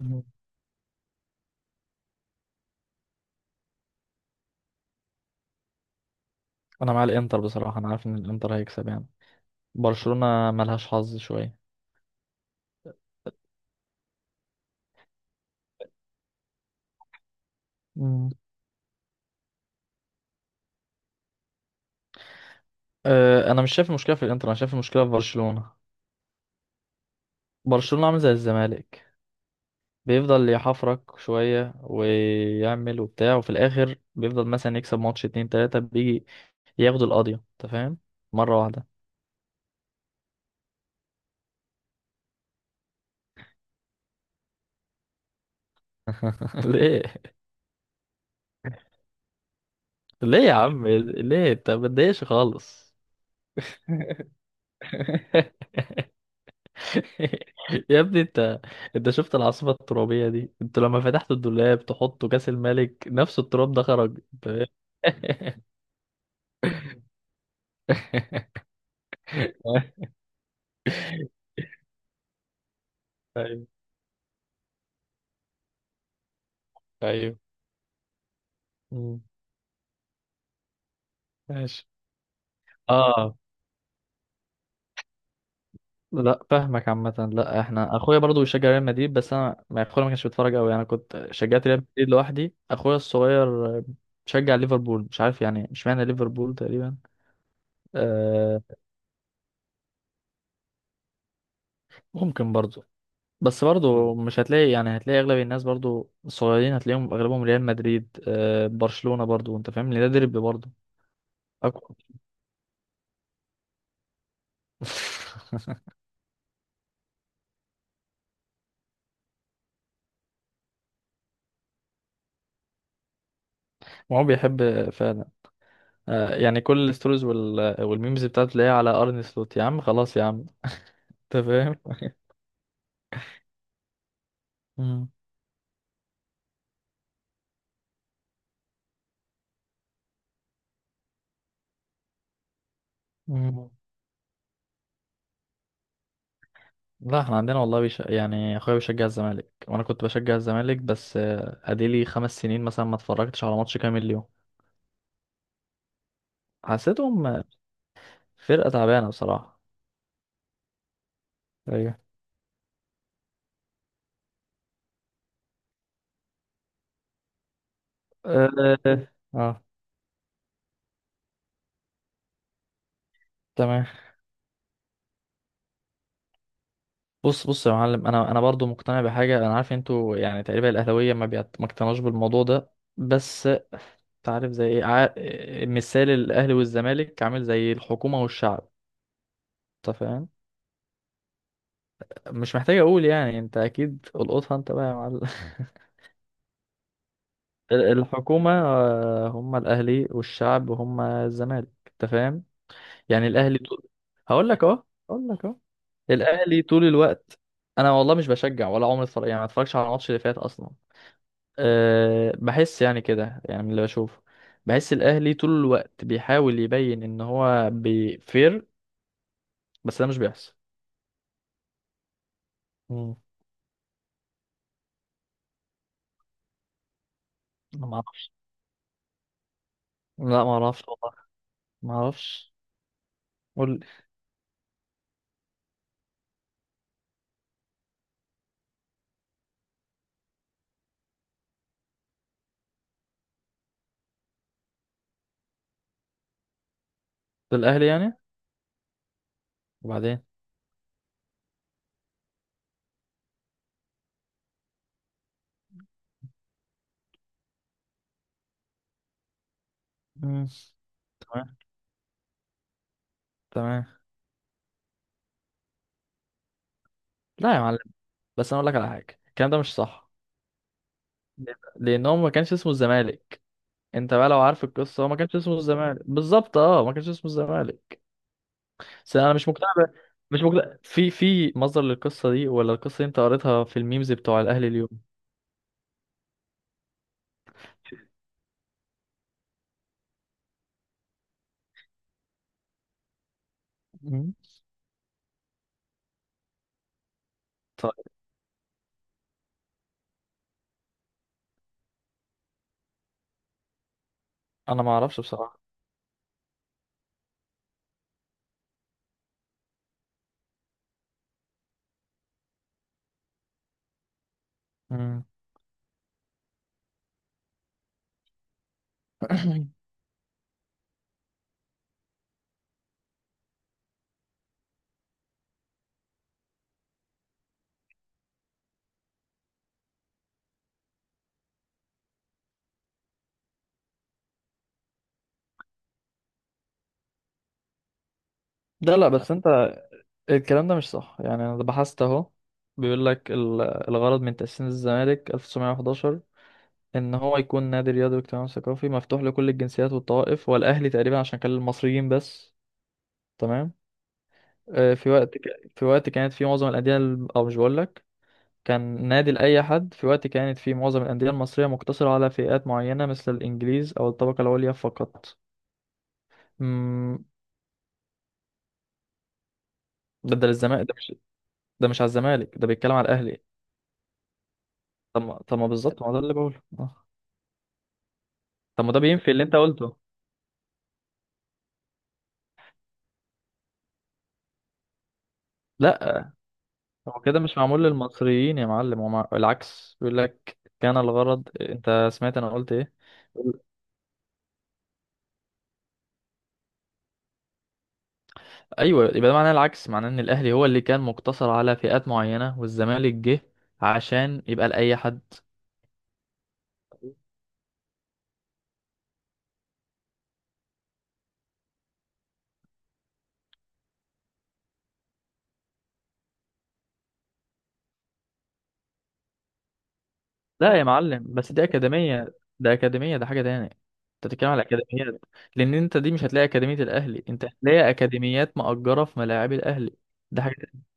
مم. انا مع الانتر بصراحه، عارف ان الانتر هيكسب يعني برشلونه ملهاش حظ شويه. مم. انا مش شايف المشكله في الانتر، انا شايف المشكله في برشلونه. برشلونه عامل زي الزمالك، بيفضل يحفرك شويه ويعمل وبتاع، وفي الاخر بيفضل مثلا يكسب ماتش اتنين تلاته بيجي ياخد القضيه، انت فاهم، مره واحده. ليه؟ ليه يا عم؟ ليه؟ انت ما تضايقش خالص. يا ابني انت، انت شفت العاصفة الترابية دي؟ انت لما فتحت الدولاب تحطه كاس الملك نفس التراب ده خرج، انت فاهم؟ ايوه. ايوه. مم. ماشي. اه. لا فاهمك عامة. لا، احنا اخويا برضو بيشجع ريال مدريد، بس انا ما اخويا ما كانش بيتفرج قوي، انا كنت شجعت ريال مدريد لوحدي. اخويا الصغير بيشجع ليفربول، مش عارف يعني، مش معنى ليفربول تقريبا. آه. ممكن برضو. بس برضو مش هتلاقي يعني، هتلاقي اغلب الناس برضو الصغيرين هتلاقيهم اغلبهم ريال مدريد، برشلونة برضو، انت فاهم ان ده ديربي برضو. أقوى. وهو بيحب فعلا. يعني كل الستوريز وال- والميمز بتاعته تلاقيها على ارن سلوت. يا عم خلاص يا عم، انت فاهم. مم. مم. لا احنا عندنا والله يعني اخويا بيشجع الزمالك، وانا كنت بشجع الزمالك، بس اديلي 5 سنين مثلا ما اتفرجتش على ماتش كامل اليوم. حسيتهم فرقة تعبانة بصراحة. ايوه. اه. آه. آه. تمام. بص بص يا معلم، انا برضو مقتنع بحاجه. انا عارف انتوا يعني تقريبا الاهلاويه ما اقتنعوش بالموضوع ده، بس تعرف زي ايه مثال الاهلي والزمالك عامل زي الحكومه والشعب، انت فاهم. مش محتاج اقول يعني، انت اكيد القطها انت بقى يا معلم. الحكومه هم الاهلي، والشعب هم الزمالك، انت فاهم. يعني الاهلي طول، هقول لك اهو، هقول لك اهو. الاهلي طول الوقت، انا والله مش بشجع ولا عمري اتفرج يعني، ما اتفرجش على الماتش اللي فات اصلا. أه، بحس يعني كده، يعني من اللي بشوفه، بحس الأهلي طول الوقت بيحاول يبين إن هو بيفير، بس ده مش بيحصل. مم. أنا ما أعرفش. لا، ما أعرفش والله. ما أعرفش. قول لي. ده الأهلي يعني، وبعدين. مم. تمام. تمام. لا يا معلم، بس أنا أقول لك على حاجة، الكلام ده مش صح. ليه بقى؟ لأن هو ما كانش اسمه الزمالك. أنت بقى لو عارف القصة، هو ما كانش اسمه الزمالك بالظبط. أه، ما كانش اسمه الزمالك. بس انا مش مش مقتنع في مصدر للقصه دي، ولا القصه دي انت قريتها في الميمز بتوع الاهلي اليوم. مم. طيب. انا ما اعرفش بصراحه. مم. لا لا، بس انت الكلام ده مش صح يعني، انا بحثت اهو. بيقول لك الغرض من تأسيس الزمالك 1911 ان هو يكون نادي رياضي واجتماعي وثقافي مفتوح لكل الجنسيات والطوائف، والاهلي تقريبا عشان كان للمصريين بس. تمام. في في وقت كانت في معظم او مش بقول لك، كان نادي لأي حد في وقت كانت فيه معظم الأندية المصرية مقتصرة على فئات معينة مثل الإنجليز أو الطبقة العليا فقط. مم. ده ده للزمالك ده مش ده مش على الزمالك، ده بيتكلم على الأهلي. طب ما طب ما بالظبط ما ده اللي بقوله. آه. طب ما ده بينفي اللي أنت قلته. لا، هو كده مش معمول للمصريين يا معلم، هو العكس، بيقول لك كان الغرض، أنت سمعت أنا قلت إيه؟ أيوه، يبقى ده معناه العكس، معناه إن الأهلي هو اللي كان مقتصر على فئات معينة، والزمالك جه عشان يبقى لأي حد. لا يا معلم، بس دي أكاديمية، ده أكاديمية، ده حاجة تانية. أنت بتتكلم على أكاديميات، لأن أنت دي مش هتلاقي أكاديمية الأهلي، أنت هتلاقي أكاديميات مأجرة في ملاعب الأهلي. ده حاجة تانية.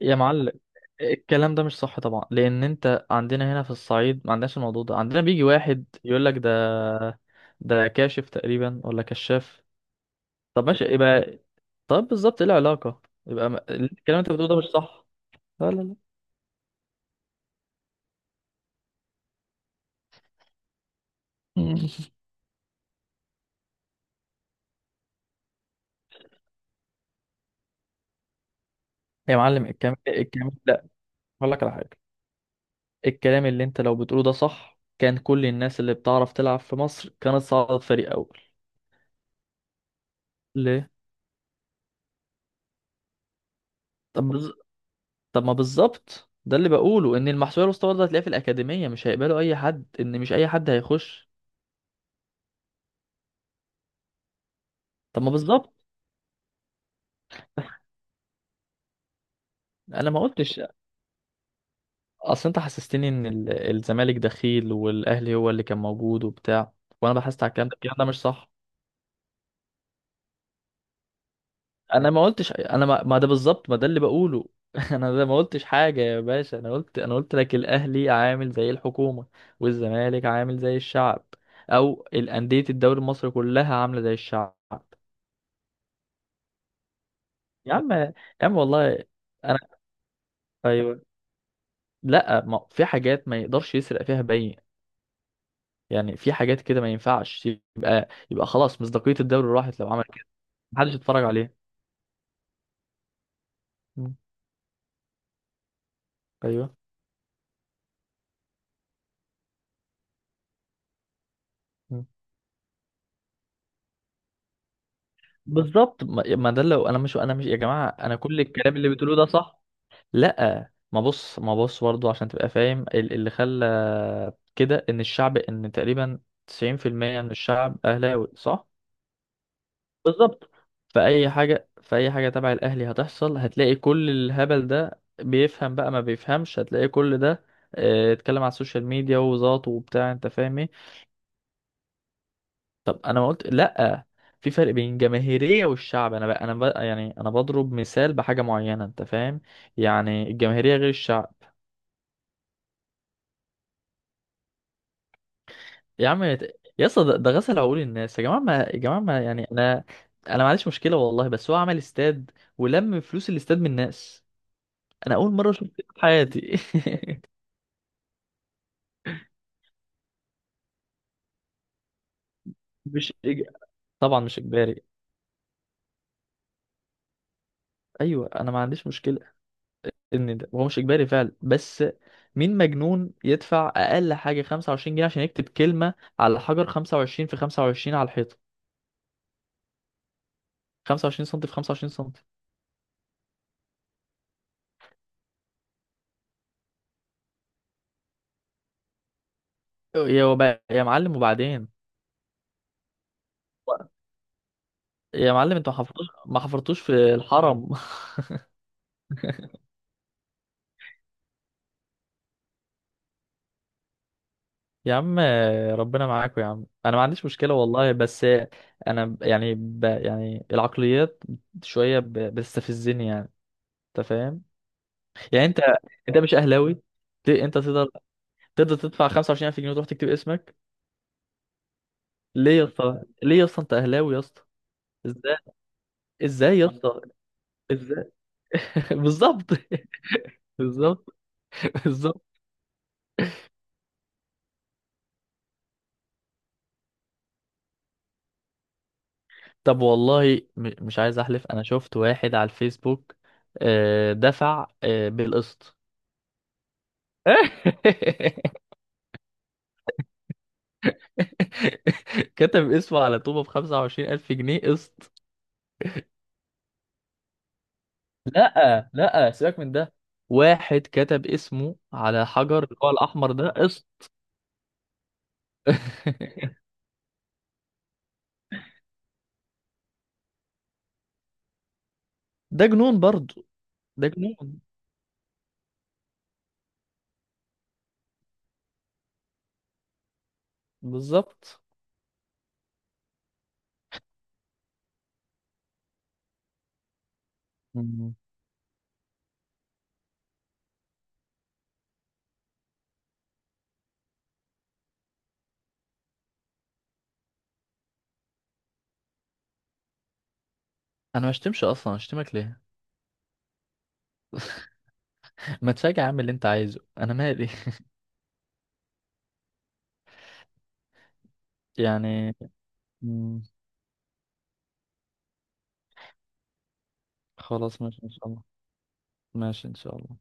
يا معلم، الكلام ده مش صح طبعا، لأن أنت عندنا هنا في الصعيد ما عندناش الموضوع ده، عندنا بيجي واحد يقول لك ده، ده كاشف تقريبا ولا كشاف. طب ماشي، يبقى طب بالظبط إيه العلاقة؟ يبقى ما- الكلام اللي أنت بتقوله ده مش صح. لا لا لا. يا معلم، الكلام الكلام لا، أقول لك على حاجة، الكلام اللي انت لو بتقوله ده صح، كان كل الناس اللي بتعرف تلعب في مصر كانت صعدت فريق اول. ليه؟ طب بز... طب ما بالظبط ده اللي بقوله، ان المحسوبيه الوسطى ده هتلاقيها في الاكاديميه، مش هيقبلوا اي حد، ان مش اي حد هيخش. طب ما بالظبط، انا ما قلتش. اصل انت حسستني ان الزمالك دخيل، والاهلي هو اللي كان موجود وبتاع، وانا بحثت على الكلام ده، الكلام ده مش صح. انا ما قلتش، انا ما, ما ده بالظبط ما ده اللي بقوله. انا ده ما قلتش حاجه يا باشا، انا قلت لك الاهلي عامل زي الحكومه، والزمالك عامل زي الشعب، او الانديه الدوري المصري كلها عامله زي الشعب. يا عم، يا عم والله. انا، ايوه، لا ما في حاجات ما يقدرش يسرق فيها باين، يعني في حاجات كده ما ينفعش يبقى، يبقى خلاص مصداقيه الدوري راحت لو عمل كده، محدش يتفرج عليه. مم. ايوه. مم. بالظبط، ما ده لو انا مش يا جماعه، انا كل الكلام اللي بتقولوه ده صح. لا ما بص برضو عشان تبقى فاهم، اللي خلى كده ان الشعب ان تقريبا 90% من الشعب اهلاوي صح. بالظبط، فاي حاجه تبع الاهلي هتحصل، هتلاقي كل الهبل ده بيفهم بقى ما بيفهمش، هتلاقي كل ده. اتكلم على السوشيال ميديا وزاط وبتاع، انت فاهم ايه. طب انا ما قلت لا، في فرق بين الجماهيريه والشعب. انا بقى يعني انا بضرب مثال بحاجه معينه، انت فاهم، يعني الجماهيريه غير الشعب. يا عم يا اسطى، ده ده غسل عقول الناس يا جماعه، ما يا جماعه ما يعني انا، انا ما عنديش مشكله والله، بس هو عمل استاد ولم فلوس الاستاد من الناس. انا اول مره اشوف كده في حياتي. مش إج... طبعا مش اجباري. ايوه، انا ما عنديش مشكله ان ده هو مش اجباري فعلا، بس مين مجنون يدفع اقل حاجه 25 جنيه عشان يكتب كلمه على حجر 25 في 25 على الحيطه؟ 25 سم في 25 سم. يا معلم، وبعدين يا معلم، انتوا ما حفرتوش، ما حفرتوش في الحرم. يا عم، ربنا معاكم يا عم، انا ما عنديش مشكله والله، بس انا ب- يعني ب يعني العقليات شويه بتستفزني يعني، انت فاهم. يعني انت، انت مش اهلاوي؟ انت تقدر، تقدر تدفع 25,000 جنيه وتروح تكتب اسمك. ليه يا اسطى؟ ليه يا اسطى؟ انت اهلاوي يا اسطى، ازاي؟ ازاي يا اسطى؟ ازاي؟ بالظبط. بالظبط. بالظبط. طب والله مش عايز احلف، انا شفت واحد على الفيسبوك، دفع بالقسط. كتب اسمه على طوبة ب25,000 جنيه قسط. لا لا، سيبك من ده، واحد كتب اسمه على حجر اللي هو الأحمر ده قسط. ده جنون برضه. ده جنون. بالظبط. مم. أنا ما اشتمش أصلا، اشتمك ليه؟ ما تراجع، اعمل اللي أنت عايزه، أنا مالي. يعني. مم. خلاص ماشي إن شاء الله. ماشي إن شاء الله.